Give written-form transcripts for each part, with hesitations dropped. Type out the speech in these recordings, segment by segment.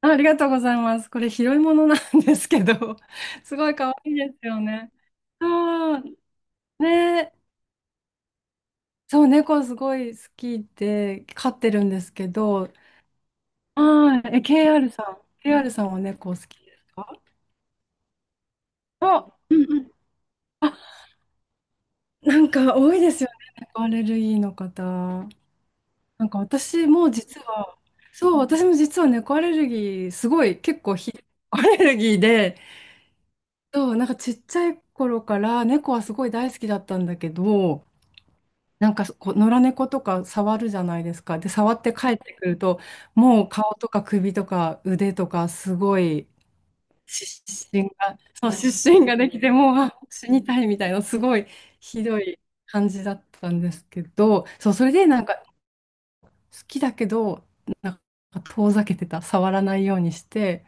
あ、ありがとうございます。これ拾い物なんですけど、すごい可愛いですよね。そう、ね、そう、猫すごい好きで飼ってるんですけど、はい、KR さん、KR さんは猫好きですか？あ、うんうん。なんか多いですよね、猫アレルギーの方。なんか私も実は、そう、私も実は猫アレルギー、すごい結構ひ、アレルギーで、そう、なんかちっちゃい頃から猫はすごい大好きだったんだけど、なんかこう野良猫とか触るじゃないですか。で、触って帰ってくると、もう顔とか首とか腕とかすごい湿疹が、そう、湿疹ができて、もうあ死にたいみたいな、すごいひどい感じだったんですけど、そう、それでなんか好きだけど、なんか遠ざけてた、触らないようにして、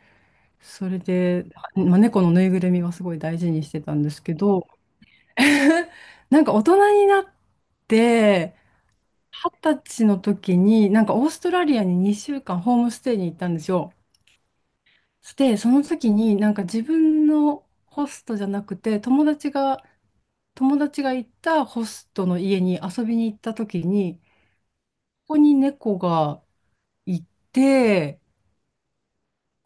それで、まあ、猫のぬいぐるみはすごい大事にしてたんですけど、なんか大人になって、二十歳の時に、なんかオーストラリアに2週間ホームステイに行ったんですよ。で、その時になんか自分のホストじゃなくて、友達が行ったホストの家に遊びに行った時に、ここに猫がいて、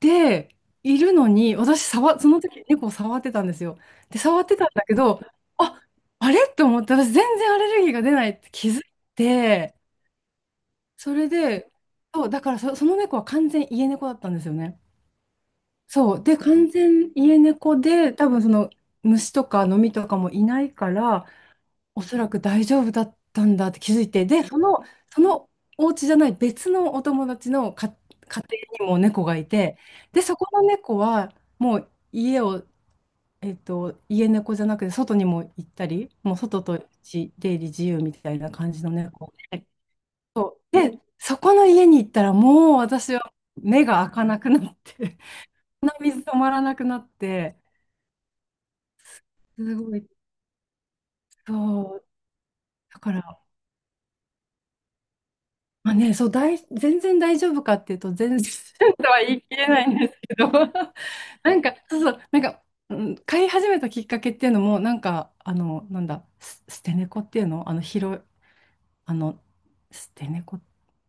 で、いるのに、その時猫を触ってたんですよ。で、触ってたんだけど、あ、あれと思って、私全然アレルギーが出ないって気づいて、それで、そう、だからそ、その猫は完全家猫だったんですよね。そう。で、完全家猫で、多分その虫とかノミとかもいないから、おそらく大丈夫だったんだって気づいて、で、その、そのお家じゃない別のお友達のか家庭にも猫がいて、で、そこの猫はもう家を、えっと、家猫じゃなくて外にも行ったり、もう外と出入り自由みたいな感じの猫で。で、そこの家に行ったらもう私は目が開かなくなって、鼻水止まらなくなって、すごい、そう、だから、まあね、そう、大全然大丈夫かっていうと、全然 とは言い切れないんですけど、なんか、そうそう、なんか、うん、飼い始めたきっかけっていうのも、なんか、なんだ、ス捨て猫っていうの、あの、拾い、あの、捨て猫、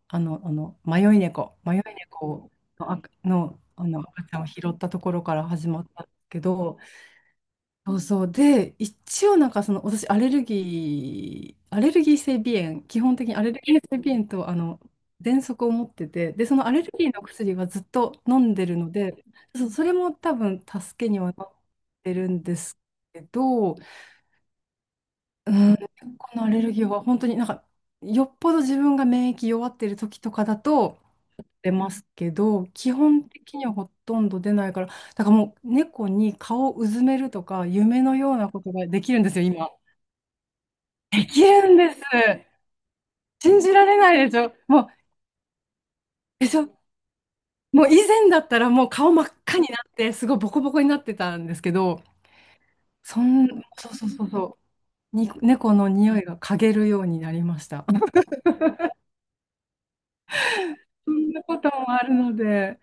あの、あの、迷い猫の、あの赤ちゃんを拾ったところから始まったんですけど、そうそう。で、一応なんかその、私、アレルギー性鼻炎、基本的にアレルギー性鼻炎と、あの、喘息を持ってて、で、そのアレルギーの薬はずっと飲んでるので、そう、それも多分助けにはなってるんですけど、うん、このアレルギーは本当になんかよっぽど自分が免疫弱ってる時とかだと出ますけど、基本的にはほとんど出ないから、だからもう猫に顔をうずめるとか夢のようなことができるんですよ今。できるんです。信じられないでしょ、もう。でしょ？もう以前だったらもう顔真っ赤になってすごいボコボコになってたんですけど、そんそうそうそうそうに猫の匂いが嗅げるようになりました。そんなこともあるので。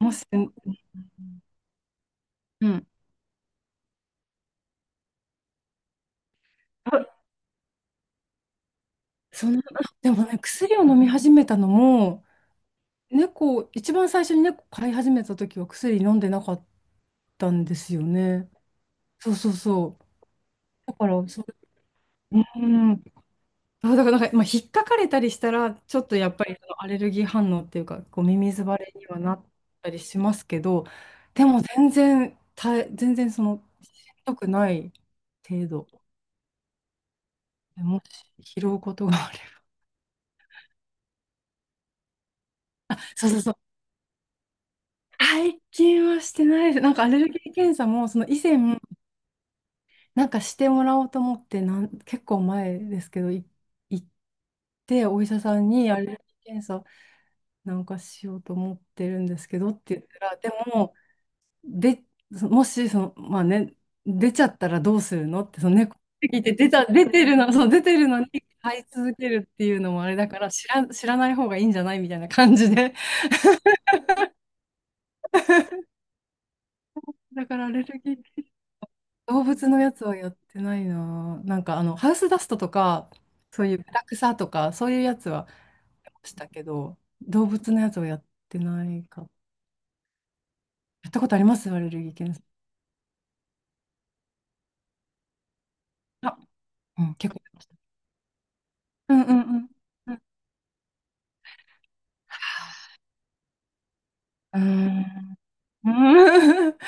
もし、うん。あ、その、でもね、薬を飲み始めたのも、猫、一番最初に猫飼い始めた時は薬飲んでなかったんですよね。そうそうそう。だから、そう、うん。あ、だからなんか、まあ、引っかかれたりしたら、ちょっとやっぱりそのアレルギー反応っていうか、こう、ミミズバレにはなったりしますけど、でも全然、全然その、しんどくない程度。もし拾うことがあれば。そうそうそう。最近はしてないです。なんかアレルギー検査も、その以前、なんかしてもらおうと思って、結構前ですけど、行って、お医者さんにアレルギー検査なんかしようと思ってるんですけどって言ったら、でも、で、もし、その、まあね、出ちゃったらどうするのって、その猫って聞いて、出てるの、そう、出てるのに飼い続けるっていうのもあれだから、知らない方がいいんじゃないみたいな感じで。だからアレルギー動物のやつはやってないな。なんかあの、ハウスダストとか、そういうブラクサとか、そういうやつはやりましたけど、動物のやつはやってないか。やったことありますアレルギー検査。あ、うん、結構やりました。うんうんうん。うん。うーん。うーん、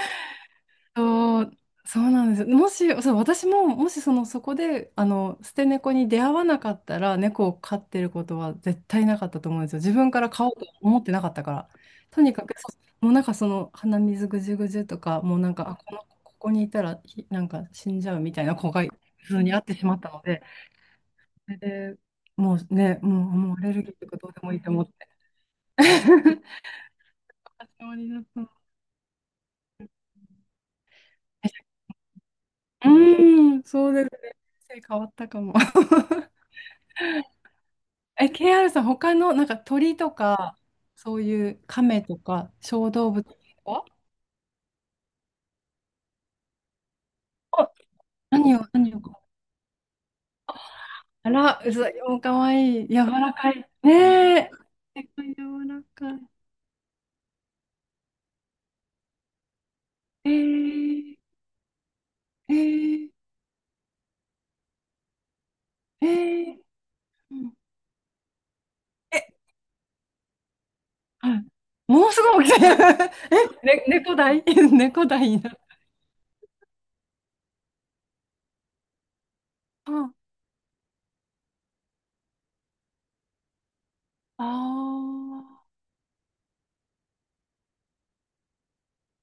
そう、そうなんです。もし、そう、私も、もしその、そこで、あの、捨て猫に出会わなかったら、猫を飼ってることは絶対なかったと思うんですよ。自分から飼おうと思ってなかったから。とにかく、そうもうなんかその、鼻水ぐじゅぐじゅとか、もうなんか、あ、この、ここにいたら、ひなんか死んじゃうみたいな子が普通に会ってしまったので、それで、もうね、もうアレルギーとかどうでもいいと思って。私もになった。う ーん、そうです。人生変わったかも。え、KR さん、他の、なんか鳥とか、そういう亀とか、小動物とか、お何を、何をか、あら、うざい、おかわいい、柔らかい。ねえ、え柔らかい。えー、えー、えー、うんえ、はい。もうすごい大きい。え、ね、猫大 猫大になる。うん。あ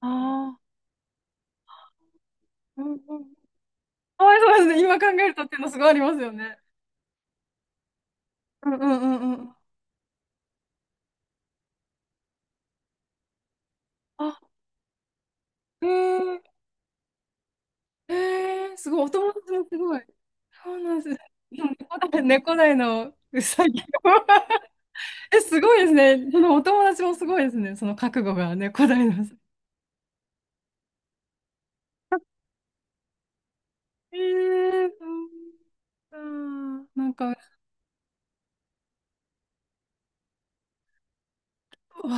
あ、ああ、うんうん。かわいそうですね。今考えるとっていうのすごいありますよね。うんうんうんうん。あ、えーえー、すごい、お友達もすごい。そうなんです。でも猫だいのうさぎも え、すごいですね。そのお友達もすごいですね。その覚悟が猫だいのうさぎ。えー、ううかなんか、わー、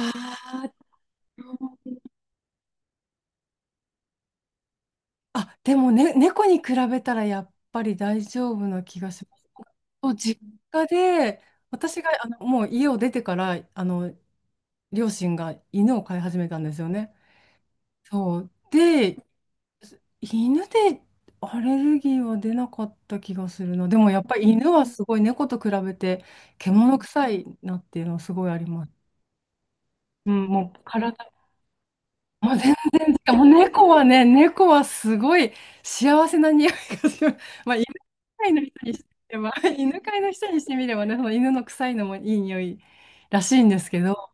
あ、でもね、猫に比べたらやっぱり大丈夫な気がします。そう、実家で、私があのもう家を出てから、あの、両親が犬を飼い始めたんですよね。そう。で、犬でアレルギーは出なかった気がするな。でもやっぱり犬はすごい猫と比べて獣臭いなっていうのはすごいあります。うん、もう全然、しかも猫はね、猫はすごい幸せな匂いがする。まあ、犬飼いの人にしてみればね、その犬の臭いのもいい匂いらしいんですけど、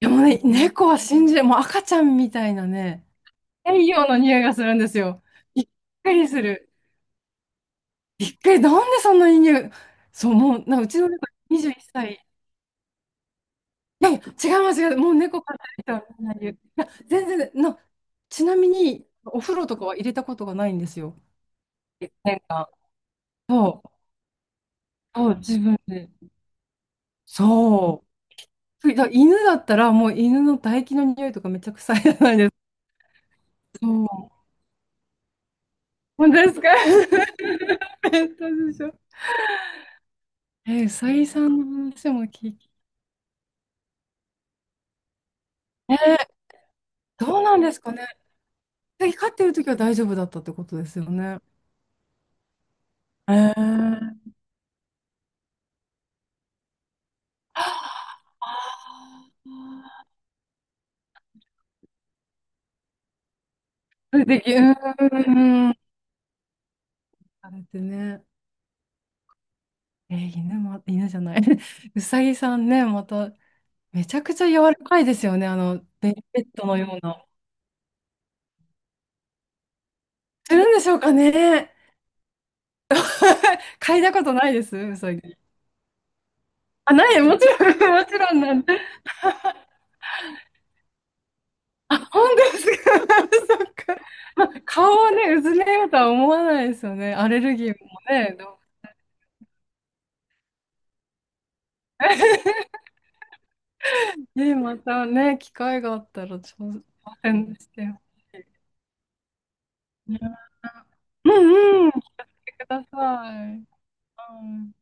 でもね、猫は信じ、もう赤ちゃんみたいなね、太陽の匂いがするんですよ。びっくりする。びっくり、なんでそんなに匂そう、もう、なうちの猫21歳。いやいや、違います、もう猫飼ってる人はみんな言う。いや、全然、な、ちなみに、お風呂とかは入れたことがないんですよ。年間。そう、そう、自分で。そう。だ犬だったら、もう犬の唾液の匂いとかめっちゃ臭いじゃないですか。そう。本当ですか？ ペットでしょ。えー、サイさんの話も聞き。えー、どうなんですかね。飼ってる時は大丈夫だったってことですよね。えー、あれでき、うーん、あれってね、えー犬も、犬じゃない、うさぎさんね、また、めちゃくちゃ柔らかいですよね、あの、ベルベットのような。するんでしょうかね。嗅いだことないです、うさぎ。あ、ない、もちろん、もちろんなんで。あ、本当ですか。そっか。まあ、顔をね、うずめようとは思わないですよね。アレルギーもね。でもね、またね、機会があったら挑戦してほしい。ね、うんうん、してください。はい。